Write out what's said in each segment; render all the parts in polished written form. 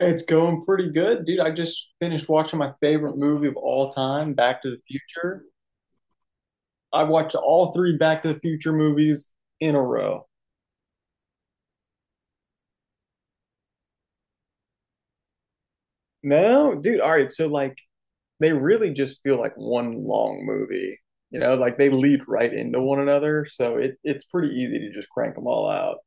It's going pretty good, dude. I just finished watching my favorite movie of all time, Back to the Future. I watched all three Back to the Future movies in a row. No, dude. All right. They really just feel like one long movie. Like they lead right into one another. So it's pretty easy to just crank them all out.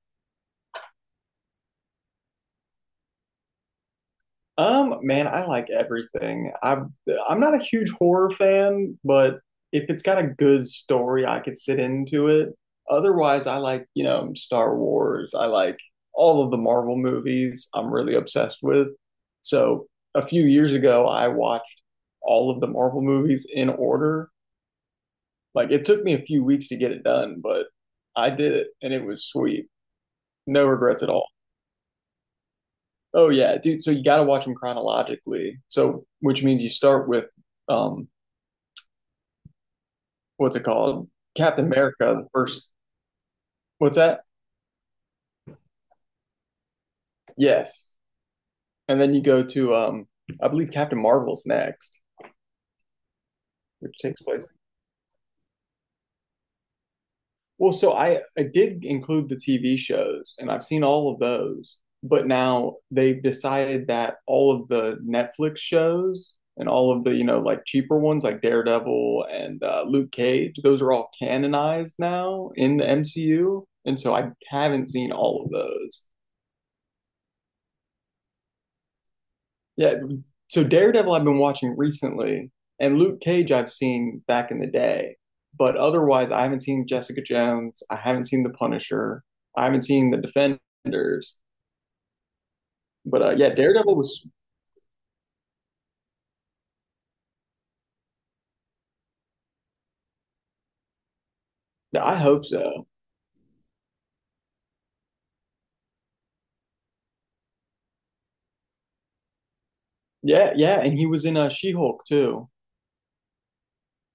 Man, I like everything. I'm not a huge horror fan, but if it's got a good story, I could sit into it. Otherwise, I like, Star Wars. I like all of the Marvel movies. I'm really obsessed with. So, a few years ago, I watched all of the Marvel movies in order. Like it took me a few weeks to get it done, but I did it and it was sweet. No regrets at all. Oh yeah, dude. So you got to watch them chronologically. So which means you start with um what's it called? Captain America, the first. What's that? Yes. And then you go to I believe Captain Marvel's next, which takes place. Well, so I did include the TV shows and I've seen all of those, but now they've decided that all of the Netflix shows and all of the, like cheaper ones like Daredevil and Luke Cage, those are all canonized now in the MCU, and so I haven't seen all of those. Yeah, so Daredevil I've been watching recently, and Luke Cage I've seen back in the day, but otherwise I haven't seen Jessica Jones, I haven't seen The Punisher, I haven't seen The Defenders. But yeah, Daredevil was. I hope so. Yeah, yeah, and he was in She-Hulk too.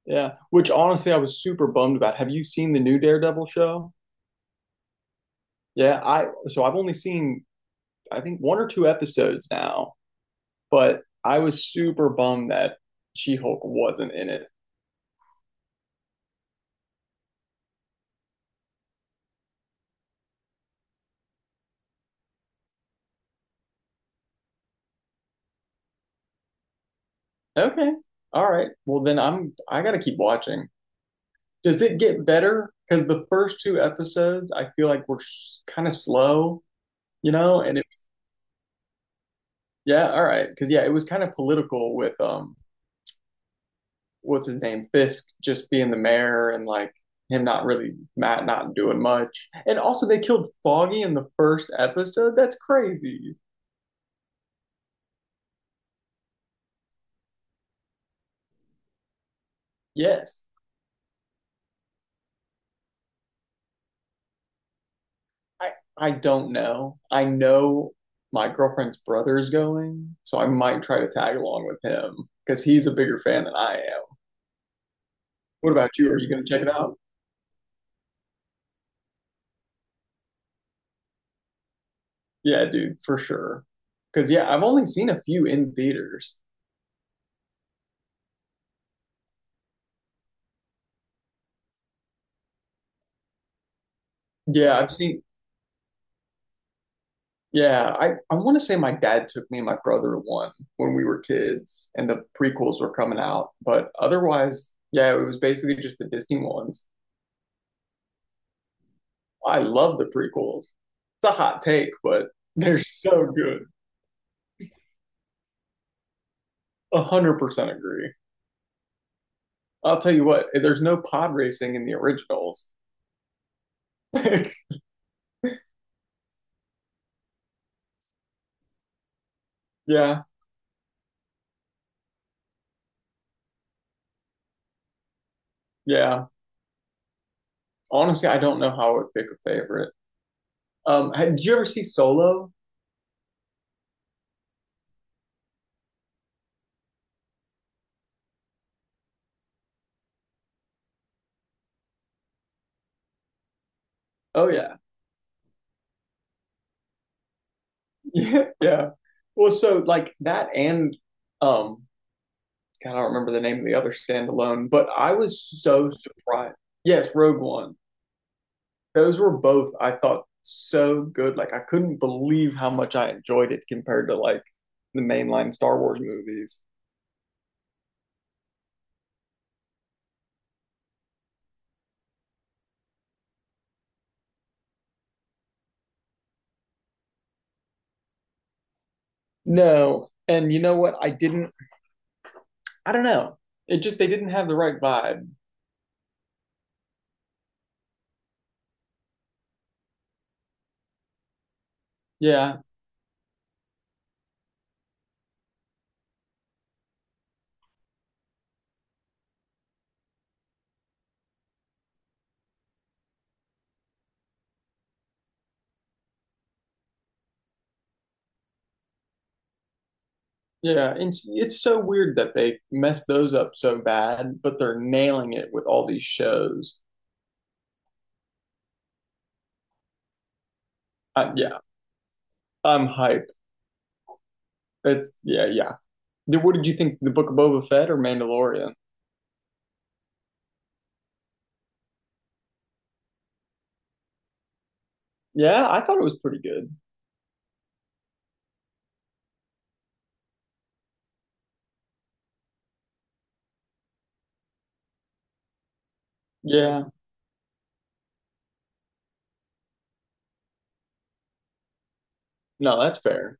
Yeah, which honestly I was super bummed about. Have you seen the new Daredevil show? Yeah, I so I've only seen I think one or two episodes now, but I was super bummed that She-Hulk wasn't in it. Okay. All right. Well, then I gotta keep watching. Does it get better? Because the first two episodes, I feel like were kind of slow, you know? And it, yeah, all right. Because yeah, it was kind of political with what's his name, Fisk, just being the mayor and like him not really Matt not doing much. And also, they killed Foggy in the first episode. That's crazy. Yes. I I don't know. I know my girlfriend's brother is going, so I might try to tag along with him because he's a bigger fan than I am. What about you? Are you going to check it out? Yeah, dude, for sure. Because yeah, I've only seen a few in theaters. Yeah, I've seen. Yeah, I want to say my dad took me and my brother to one when we were kids, and the prequels were coming out. But otherwise, yeah, it was basically just the Disney ones. I love the prequels. It's a hot take, but they're so good. 100% agree. I'll tell you what, there's no pod racing in the originals. yeah, yeah. Honestly, I don't know how I would pick a favorite. Did you ever see Solo? Oh yeah, yeah, yeah. Well, so like that and um, God, I don't remember the name of the other standalone, but I was so surprised. Yes, Rogue One. Those were both, I thought, so good. Like I couldn't believe how much I enjoyed it compared to like the mainline Star Wars movies. No. And you know what? I don't know. It just, they didn't have the right vibe. Yeah. Yeah. And it's so weird that they messed those up so bad, but they're nailing it with all these shows. Yeah. I'm hype. It's, yeah. Yeah. What did you think? The Book of Boba Fett or Mandalorian? Yeah. I thought it was pretty good. Yeah. No, that's fair.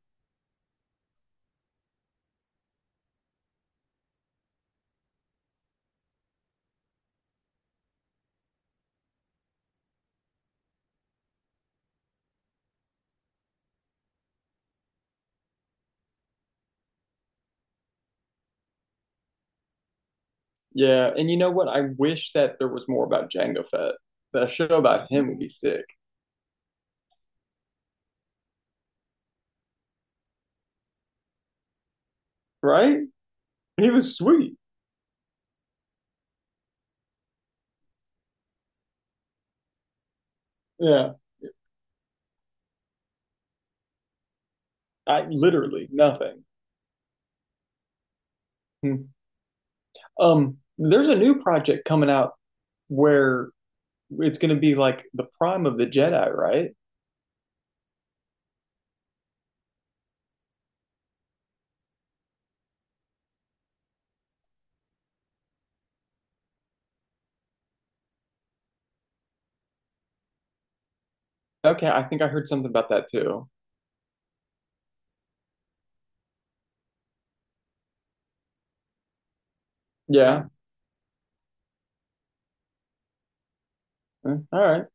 Yeah. And you know what? I wish that there was more about Jango Fett. The show about him would be sick, right? He was sweet. Yeah. I literally nothing. Hmm. There's a new project coming out where it's going to be like the prime of the Jedi, right? Okay, I think I heard something about that too. Yeah. Mm, all right.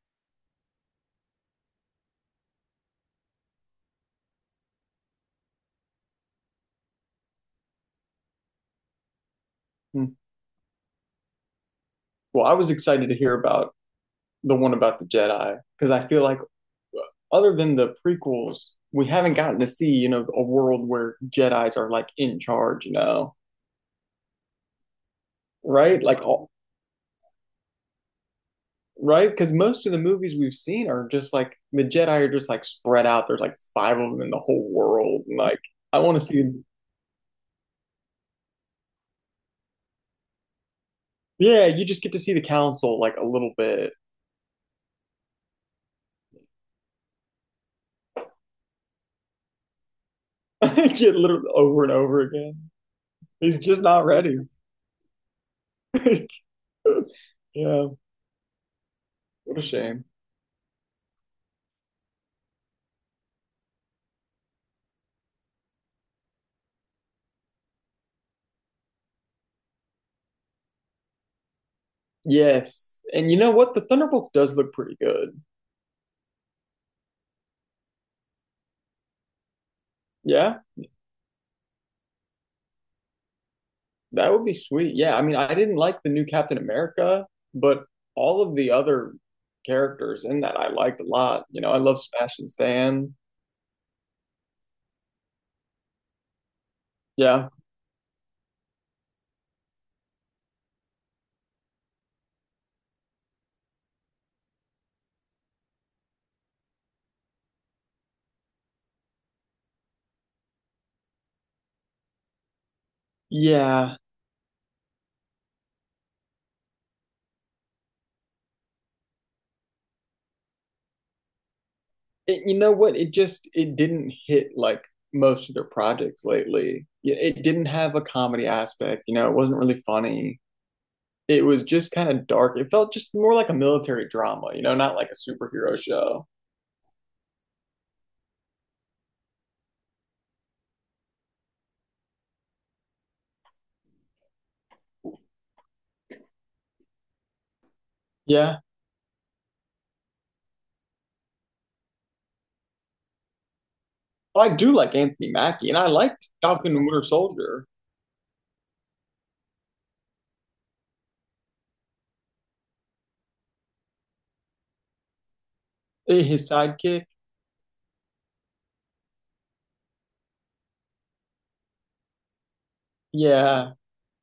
Hmm. Well, I was excited to hear about the one about the Jedi because I feel like uh, other than the prequels, we haven't gotten to see, you know, a world where Jedis are like in charge, you know, right? Like all, right? Because most of the movies we've seen are just like the Jedi are just like spread out. There's like five of them in the whole world. And, like I want to see, yeah, you just get to see the council like a little bit, get literally over and over again. He's just not ready. yeah, what a shame. Yes, and you know what? The Thunderbolts does look pretty good. Yeah. That would be sweet. Yeah, I mean, I didn't like the new Captain America, but all of the other characters in that I liked a lot. You know, I love Smash and Stan. Yeah. Yeah. It, you know what? It just it didn't hit like most of their projects lately. It didn't have a comedy aspect, you know, it wasn't really funny. It was just kind of dark. It felt just more like a military drama, you know, not like a superhero show. Yeah. I do like Anthony Mackie and I liked Falcon and Winter Soldier, his sidekick. Yeah,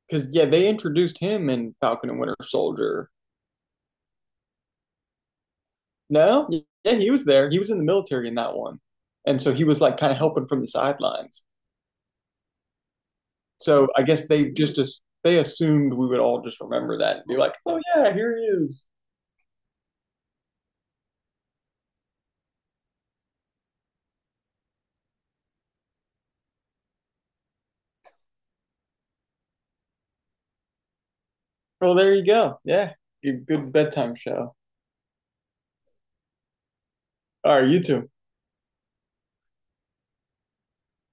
because yeah, they introduced him in Falcon and Winter Soldier. No, yeah, yeah, he was there. He was in the military in that one, and so he was like kind of helping from the sidelines. So I guess they just they assumed we would all just remember that and be like, oh yeah, here he is. Well, there you go. Yeah, good, good bedtime show. All right, you two.